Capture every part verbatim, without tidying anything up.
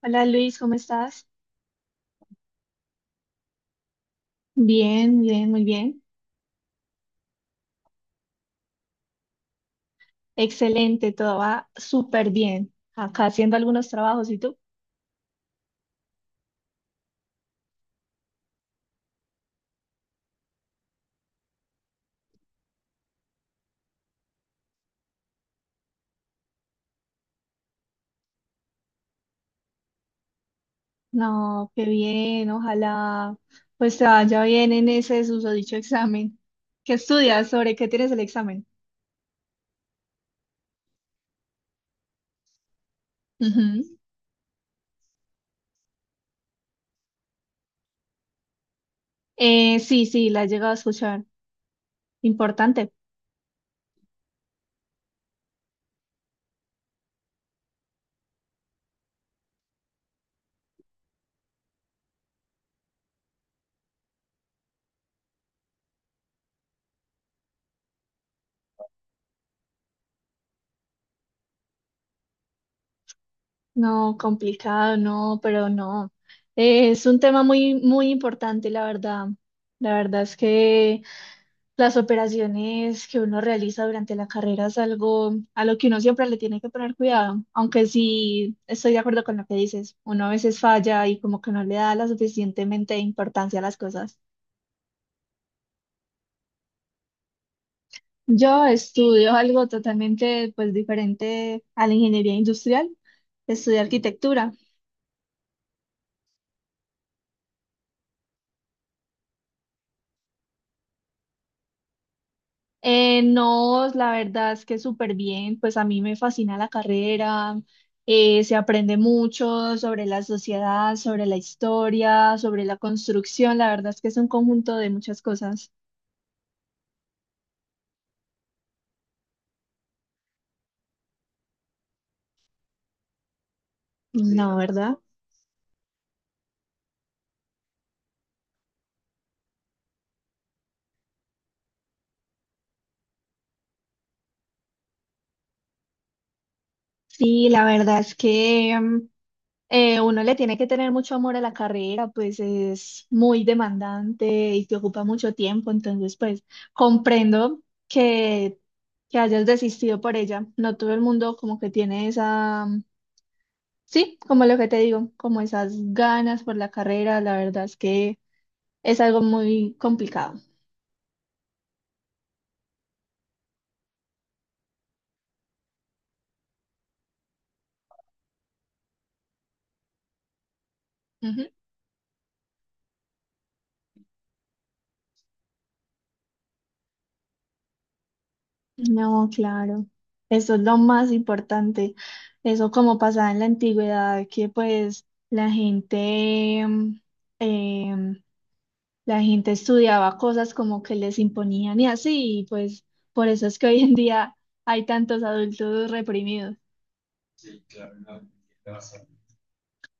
Hola Luis, ¿cómo estás? Bien, bien, muy bien. Excelente, todo va súper bien. Acá haciendo algunos trabajos, ¿y tú? No, qué bien, ojalá pues te vaya bien en ese susodicho examen. ¿Qué estudias? ¿Sobre qué tienes el examen? Ujú. Eh, sí, sí, la he llegado a escuchar. Importante. No, complicado, no, pero no. Eh, es un tema muy, muy importante, la verdad. La verdad es que... Las operaciones que uno realiza durante la carrera es algo a lo que uno siempre le tiene que poner cuidado, aunque sí estoy de acuerdo con lo que dices, uno a veces falla y como que no le da la suficientemente importancia a las cosas. Yo estudio algo totalmente pues diferente a la ingeniería industrial, estudio arquitectura. Eh, no, la verdad es que súper bien, pues a mí me fascina la carrera, eh, se aprende mucho sobre la sociedad, sobre la historia, sobre la construcción, la verdad es que es un conjunto de muchas cosas. No, ¿verdad? Sí, la verdad es que mm, eh, uno le tiene que tener mucho amor a la carrera, pues es muy demandante y te ocupa mucho tiempo, entonces pues comprendo que, que hayas desistido por ella, no todo el mundo como que tiene esa... Sí, como lo que te digo, como esas ganas por la carrera, la verdad es que es algo muy complicado. Ujú. No, claro, eso es lo más importante. Eso como pasaba en la antigüedad, que pues la gente, mm, em, la gente estudiaba cosas como que les imponían y así, y pues por eso es que hoy en día hay tantos adultos reprimidos.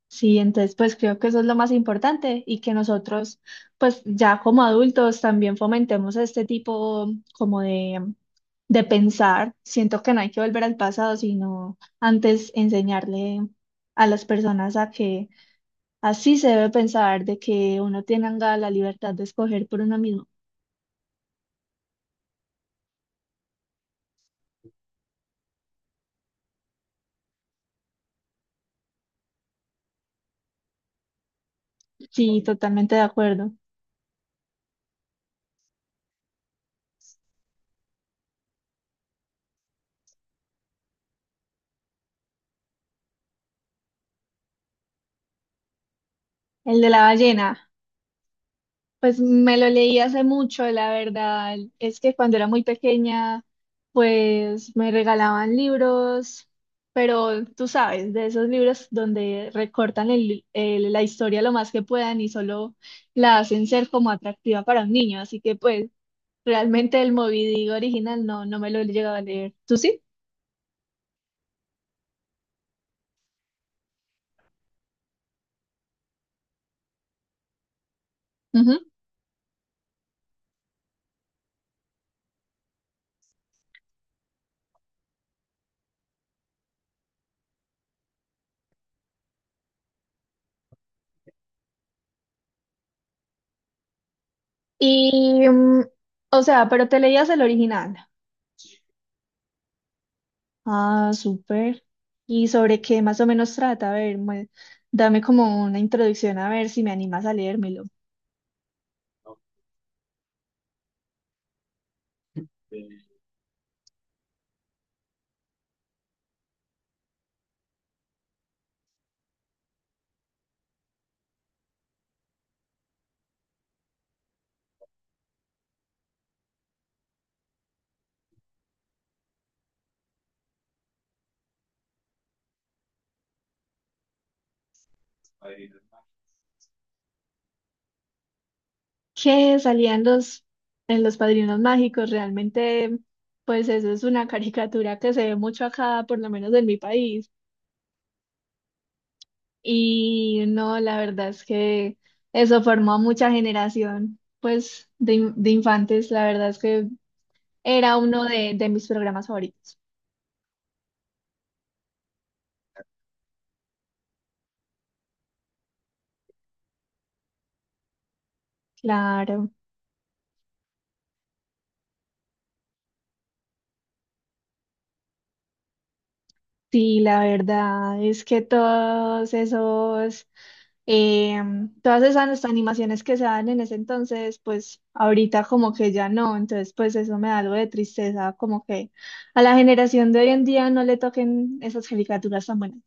Sí, entonces pues creo que eso es lo más importante y que nosotros pues ya como adultos también fomentemos este tipo como de, de pensar. Siento que no hay que volver al pasado, sino antes enseñarle a las personas a que así se debe pensar, de que uno tenga la libertad de escoger por uno mismo. Sí, totalmente de acuerdo. El de la ballena. Pues me lo leí hace mucho, la verdad. Es que cuando era muy pequeña, pues me regalaban libros, pero tú sabes, de esos libros donde recortan el- el- la historia lo más que puedan y solo la hacen ser como atractiva para un niño. Así que pues realmente el Moby Dick original no, no me lo he llegado a leer. ¿Tú sí? Ujú. Y, mm, o sea, pero te leías el original. Ah, súper. ¿Y sobre qué más o menos trata? A ver, mue- dame como una introducción a ver si me animas a leérmelo. ¿Qué salían los en los Padrinos Mágicos? Realmente, pues eso es una caricatura que se ve mucho acá, por lo menos en mi país. Y no, la verdad es que eso formó a mucha generación, pues, de, in- de infantes. La verdad es que era uno de, de mis programas favoritos. Claro. Sí, la verdad es que todos esos, em, todas esas animaciones que se dan en ese entonces, pues ahorita como que ya no, entonces pues eso me da algo de tristeza, como que a la generación de hoy en día no le toquen esas caricaturas tan buenas.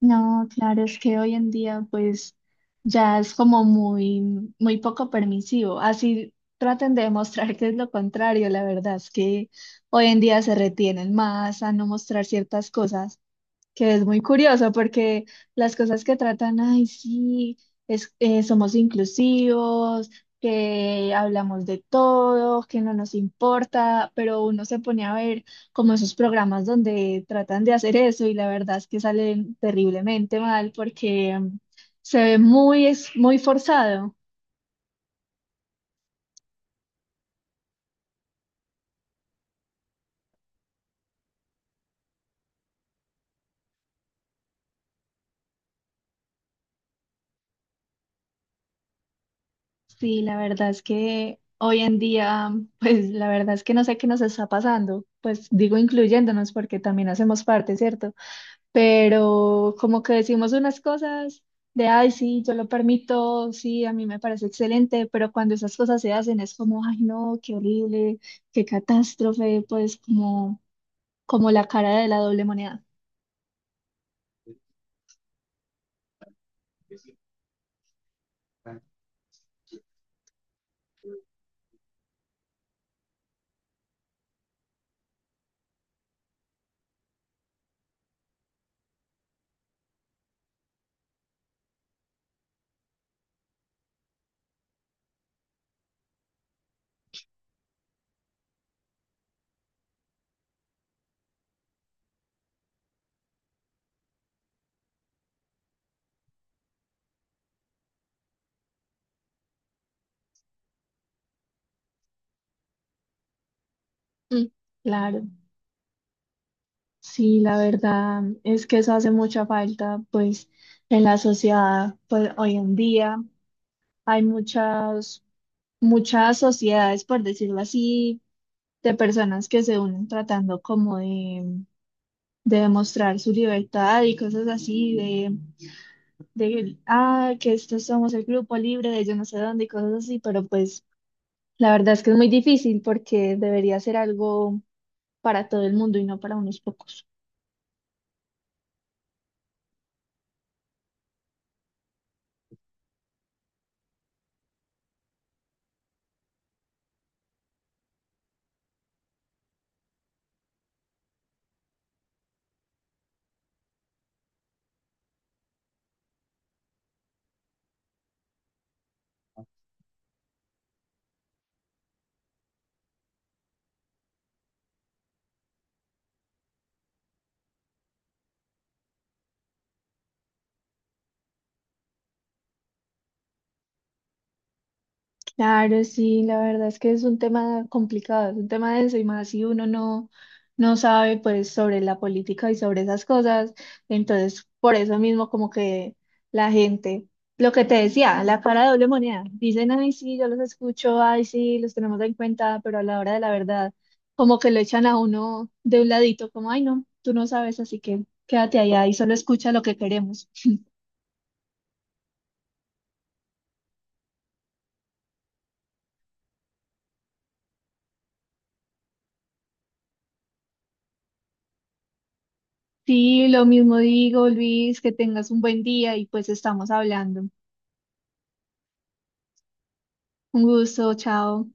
No, claro, es que hoy en día pues ya es como muy, muy poco permisivo. Así traten de demostrar que es lo contrario. La verdad es que hoy en día se retienen más a no mostrar ciertas cosas, que es muy curioso porque las cosas que tratan, ay, sí, es, eh, somos inclusivos, que hablamos de todo, que no nos importa, pero uno se pone a ver como esos programas donde tratan de hacer eso y la verdad es que salen terriblemente mal porque mm, se ve muy, es muy forzado. Sí, la verdad es que hoy en día, pues la verdad es que no sé qué nos está pasando, pues digo incluyéndonos porque también hacemos parte, ¿cierto? Pero como que decimos unas cosas de, ay, sí, yo lo permito, sí, a mí me parece excelente, pero cuando esas cosas se hacen es como, ay, no, qué horrible, qué catástrofe, pues como, como la cara de la doble moneda. Mm, claro, sí, la verdad es que eso hace mucha falta, pues en la sociedad, pues hoy en día hay muchas, muchas sociedades, por decirlo así, de personas que se unen tratando como de de demostrar su libertad y cosas así, de, de, ah, que estos somos el grupo libre de yo no sé dónde y cosas así, pero pues la verdad es que es muy difícil porque debería ser algo para todo el mundo y no para unos pocos. Claro, sí, la verdad es que es un tema complicado, es un tema denso y más si uno no, no sabe pues sobre la política y sobre esas cosas, entonces por eso mismo como que la gente, lo que te decía, la cara de doble moneda, dicen, ay sí, yo los escucho, ay sí, los tenemos en cuenta, pero a la hora de la verdad como que lo echan a uno de un ladito, como, ay no, tú no sabes, así que quédate allá y solo escucha lo que queremos. Sí, lo mismo digo, Luis, que tengas un buen día y pues estamos hablando. Un gusto, chao.